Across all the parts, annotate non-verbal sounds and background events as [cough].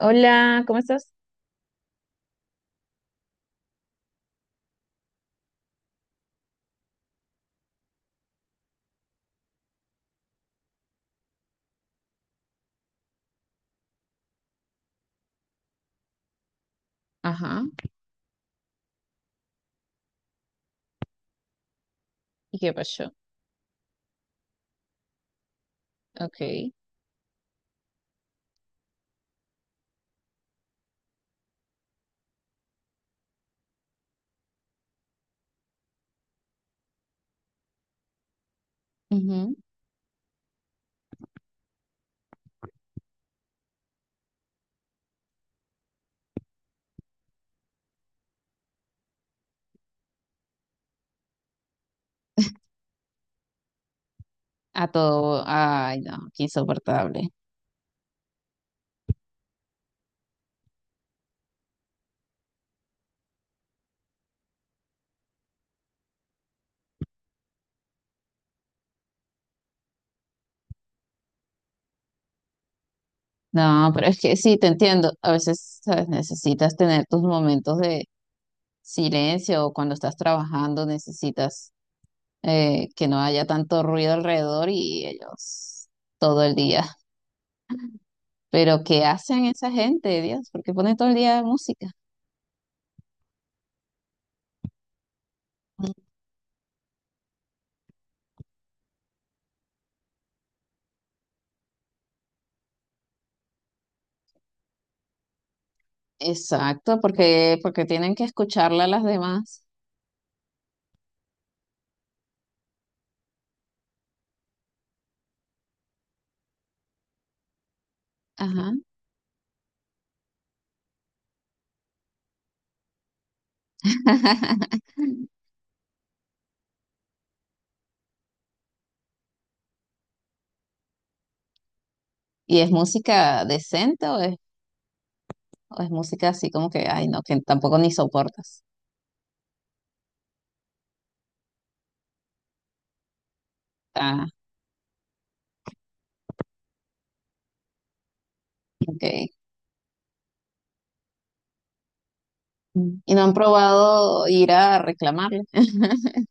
Hola, ¿cómo estás? Ajá. ¿Y qué pasó? Ok. Ujú. A todo. Ay, no, qué insoportable. No, pero es que sí, te entiendo. A veces, ¿sabes? Necesitas tener tus momentos de silencio o cuando estás trabajando necesitas que no haya tanto ruido alrededor y ellos todo el día. [laughs] Pero ¿qué hacen esa gente, Dios? ¿Por qué ponen todo el día música? Mm. Exacto, porque, porque tienen que escucharla a las demás. Ajá. [laughs] ¿Y es música decente o es música así como que, ay, no, que tampoco ni soportas? Ah, ok. Mm. Y no han probado ir a reclamarle. [laughs]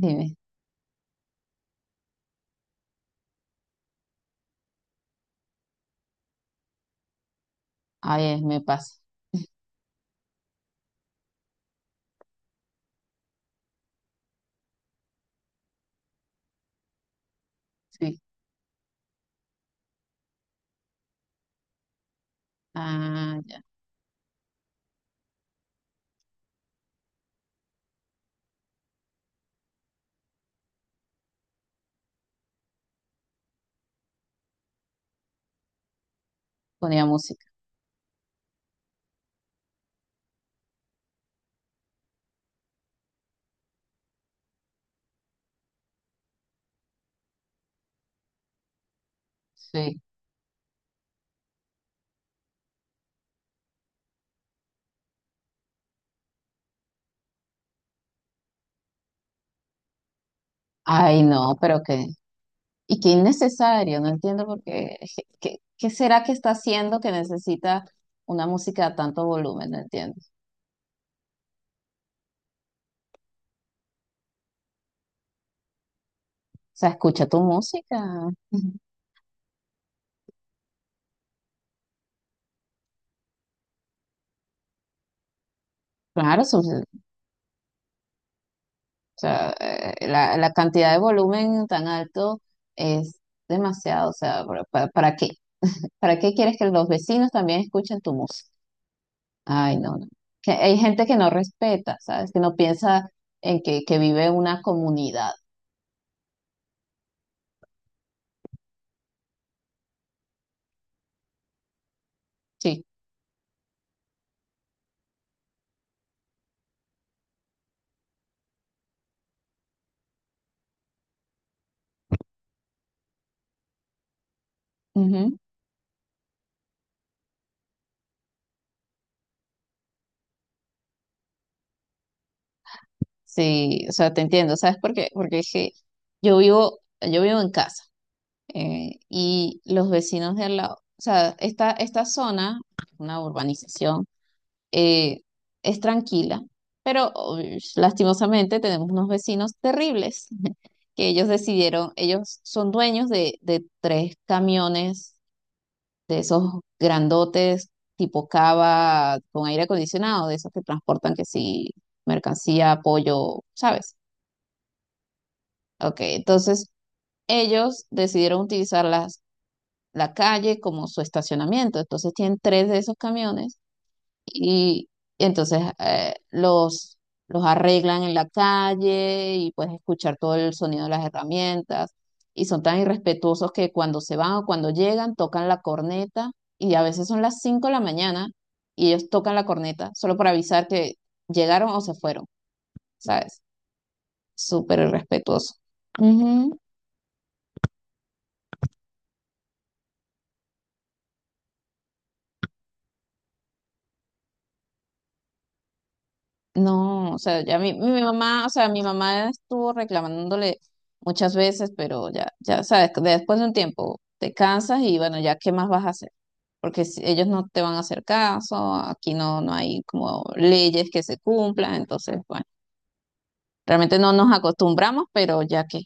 Dime. Ay, es- me pasa. Sí. Ah, ya. Ponía música. Sí. Ay, no, pero qué. Y qué innecesario. No entiendo por qué. Je- ¿Qué, qué será que está haciendo que necesita una música a tanto volumen? No entiendo. O sea, escucha tu música. [laughs] Claro, o sea, la, la cantidad de volumen tan alto es demasiado. O sea, para qué? ¿Para qué quieres que los vecinos también escuchen tu música? Ay, no, no. Que hay gente que no respeta, ¿sabes? Que no piensa en que vive en una comunidad. Sí. Ujú. Sí, o sea, te entiendo. ¿Sabes por qué? Porque es que yo vivo en casa y los vecinos de al lado, o sea, esta zona, una urbanización eh, es tranquila, pero uy, lastimosamente tenemos unos vecinos terribles [laughs] que ellos decidieron, ellos son dueños de tres camiones de esos grandotes tipo cava con aire acondicionado, de esos que transportan que sí, mercancía, pollo, ¿sabes? Ok, entonces ellos decidieron utilizar las, la calle como su estacionamiento, entonces tienen tres de esos camiones y entonces los arreglan en la calle y puedes escuchar todo el sonido de las herramientas y son tan irrespetuosos que cuando se van o cuando llegan tocan la corneta y a veces son las 5 de la mañana y ellos tocan la corneta solo para avisar que llegaron o se fueron, ¿sabes? Súper irrespetuoso. No, o sea, ya mi mamá, o sea, mi mamá estuvo reclamándole muchas veces, pero ya, ya sabes, después de un tiempo te cansas y bueno, ya qué más vas a hacer, porque si- ellos no te van a hacer caso, aquí no, no hay como leyes que se cumplan, entonces, bueno, realmente no nos acostumbramos, pero ya que, o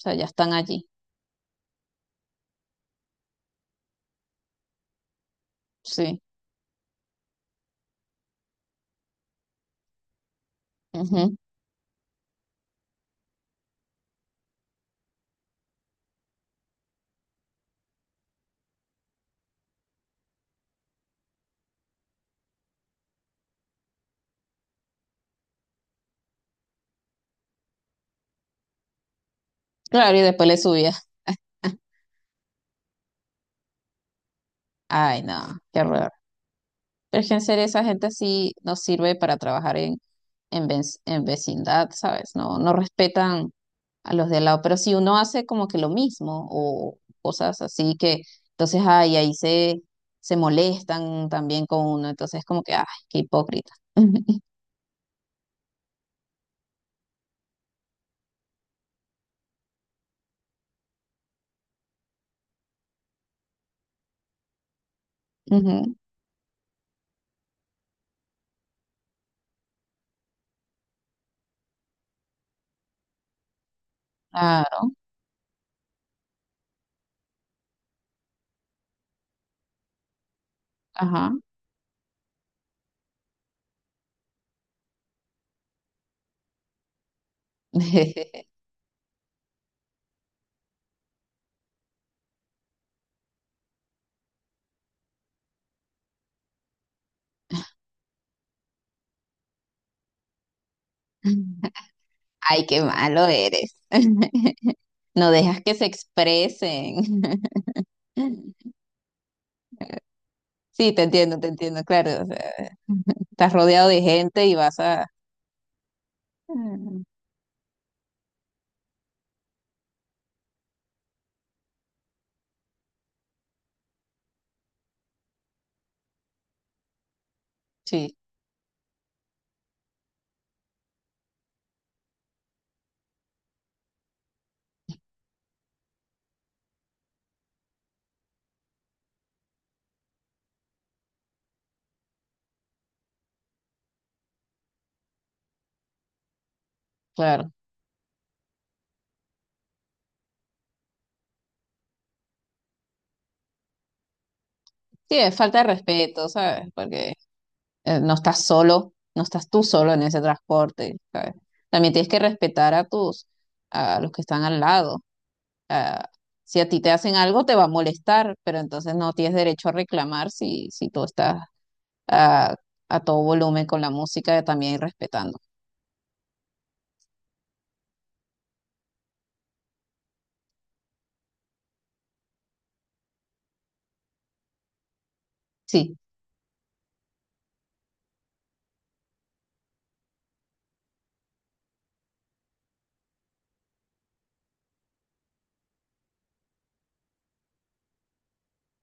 sea, ya están allí, sí. Ujú. Claro, y después le subía, ay, no, qué horror. Es que en serio esa gente sí nos sirve para trabajar en, vec- en vecindad, ¿sabes? No, no respetan a los de al lado, pero si uno hace como que lo mismo o cosas así que entonces ay, ahí se, se molestan también con uno, entonces como que, ay, qué hipócrita. [laughs] Ujú, claro, ajá. [laughs] Ay, qué malo eres. [laughs] No dejas que se expresen. [laughs] Sí, te entiendo, claro. O sea, [laughs] estás rodeado de gente y vas a... Mm, sí, claro. Sí, es falta de respeto, ¿sabes? Porque no estás solo, no estás tú solo en ese transporte, ¿sabes? También tienes que respetar a tus, a los que están al lado. Ah, si a ti te hacen algo, te va a molestar, pero entonces no tienes derecho a reclamar si, si tú estás a, a todo volumen con la música también respetando. Sí,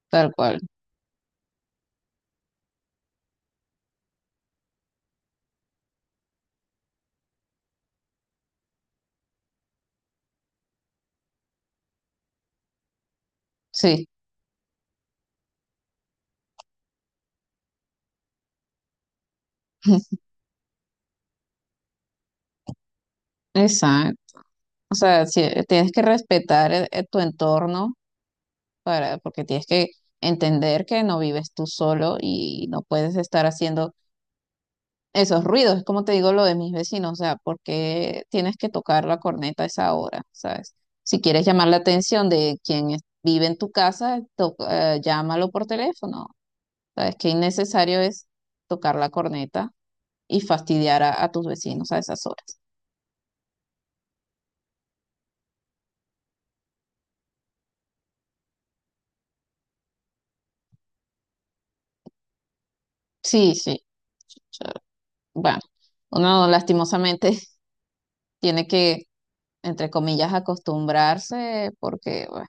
tal cual. Sí, [laughs] exacto. O sea, si, tienes que respetar tu entorno para, porque tienes que entender que no vives tú solo y no puedes estar haciendo esos ruidos. Es como te digo lo de mis vecinos, o sea, porque tienes que tocar la corneta a esa hora, ¿sabes? Si quieres llamar la atención de quien es- vive en tu casa, to- llámalo por teléfono. ¿Sabes qué innecesario es tocar la corneta y fastidiar a tus vecinos a esas horas? Sí, sí. O sea, bueno, uno lastimosamente tiene que, entre comillas, acostumbrarse porque bueno,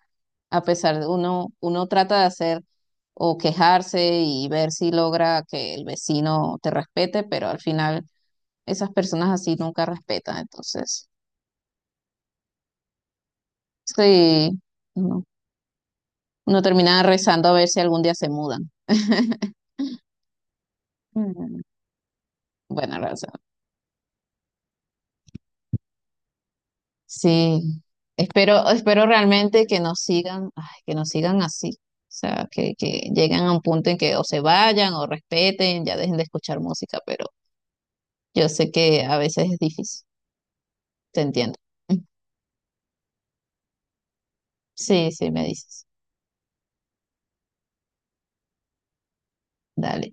a pesar de uno, uno trata de hacer o quejarse y ver si logra que el vecino te respete, pero al final esas personas así nunca respetan. Entonces, sí, uno, uno termina rezando a ver si algún día se mudan. [laughs] Mm, bueno, Rosa. Sí, espero, espero realmente que nos sigan, ay, que nos sigan así. O sea, que lleguen a un punto en que o se vayan o respeten, ya dejen de escuchar música, pero yo sé que a veces es difícil, te entiendo. [laughs] Sí, sí, me dices. Dale.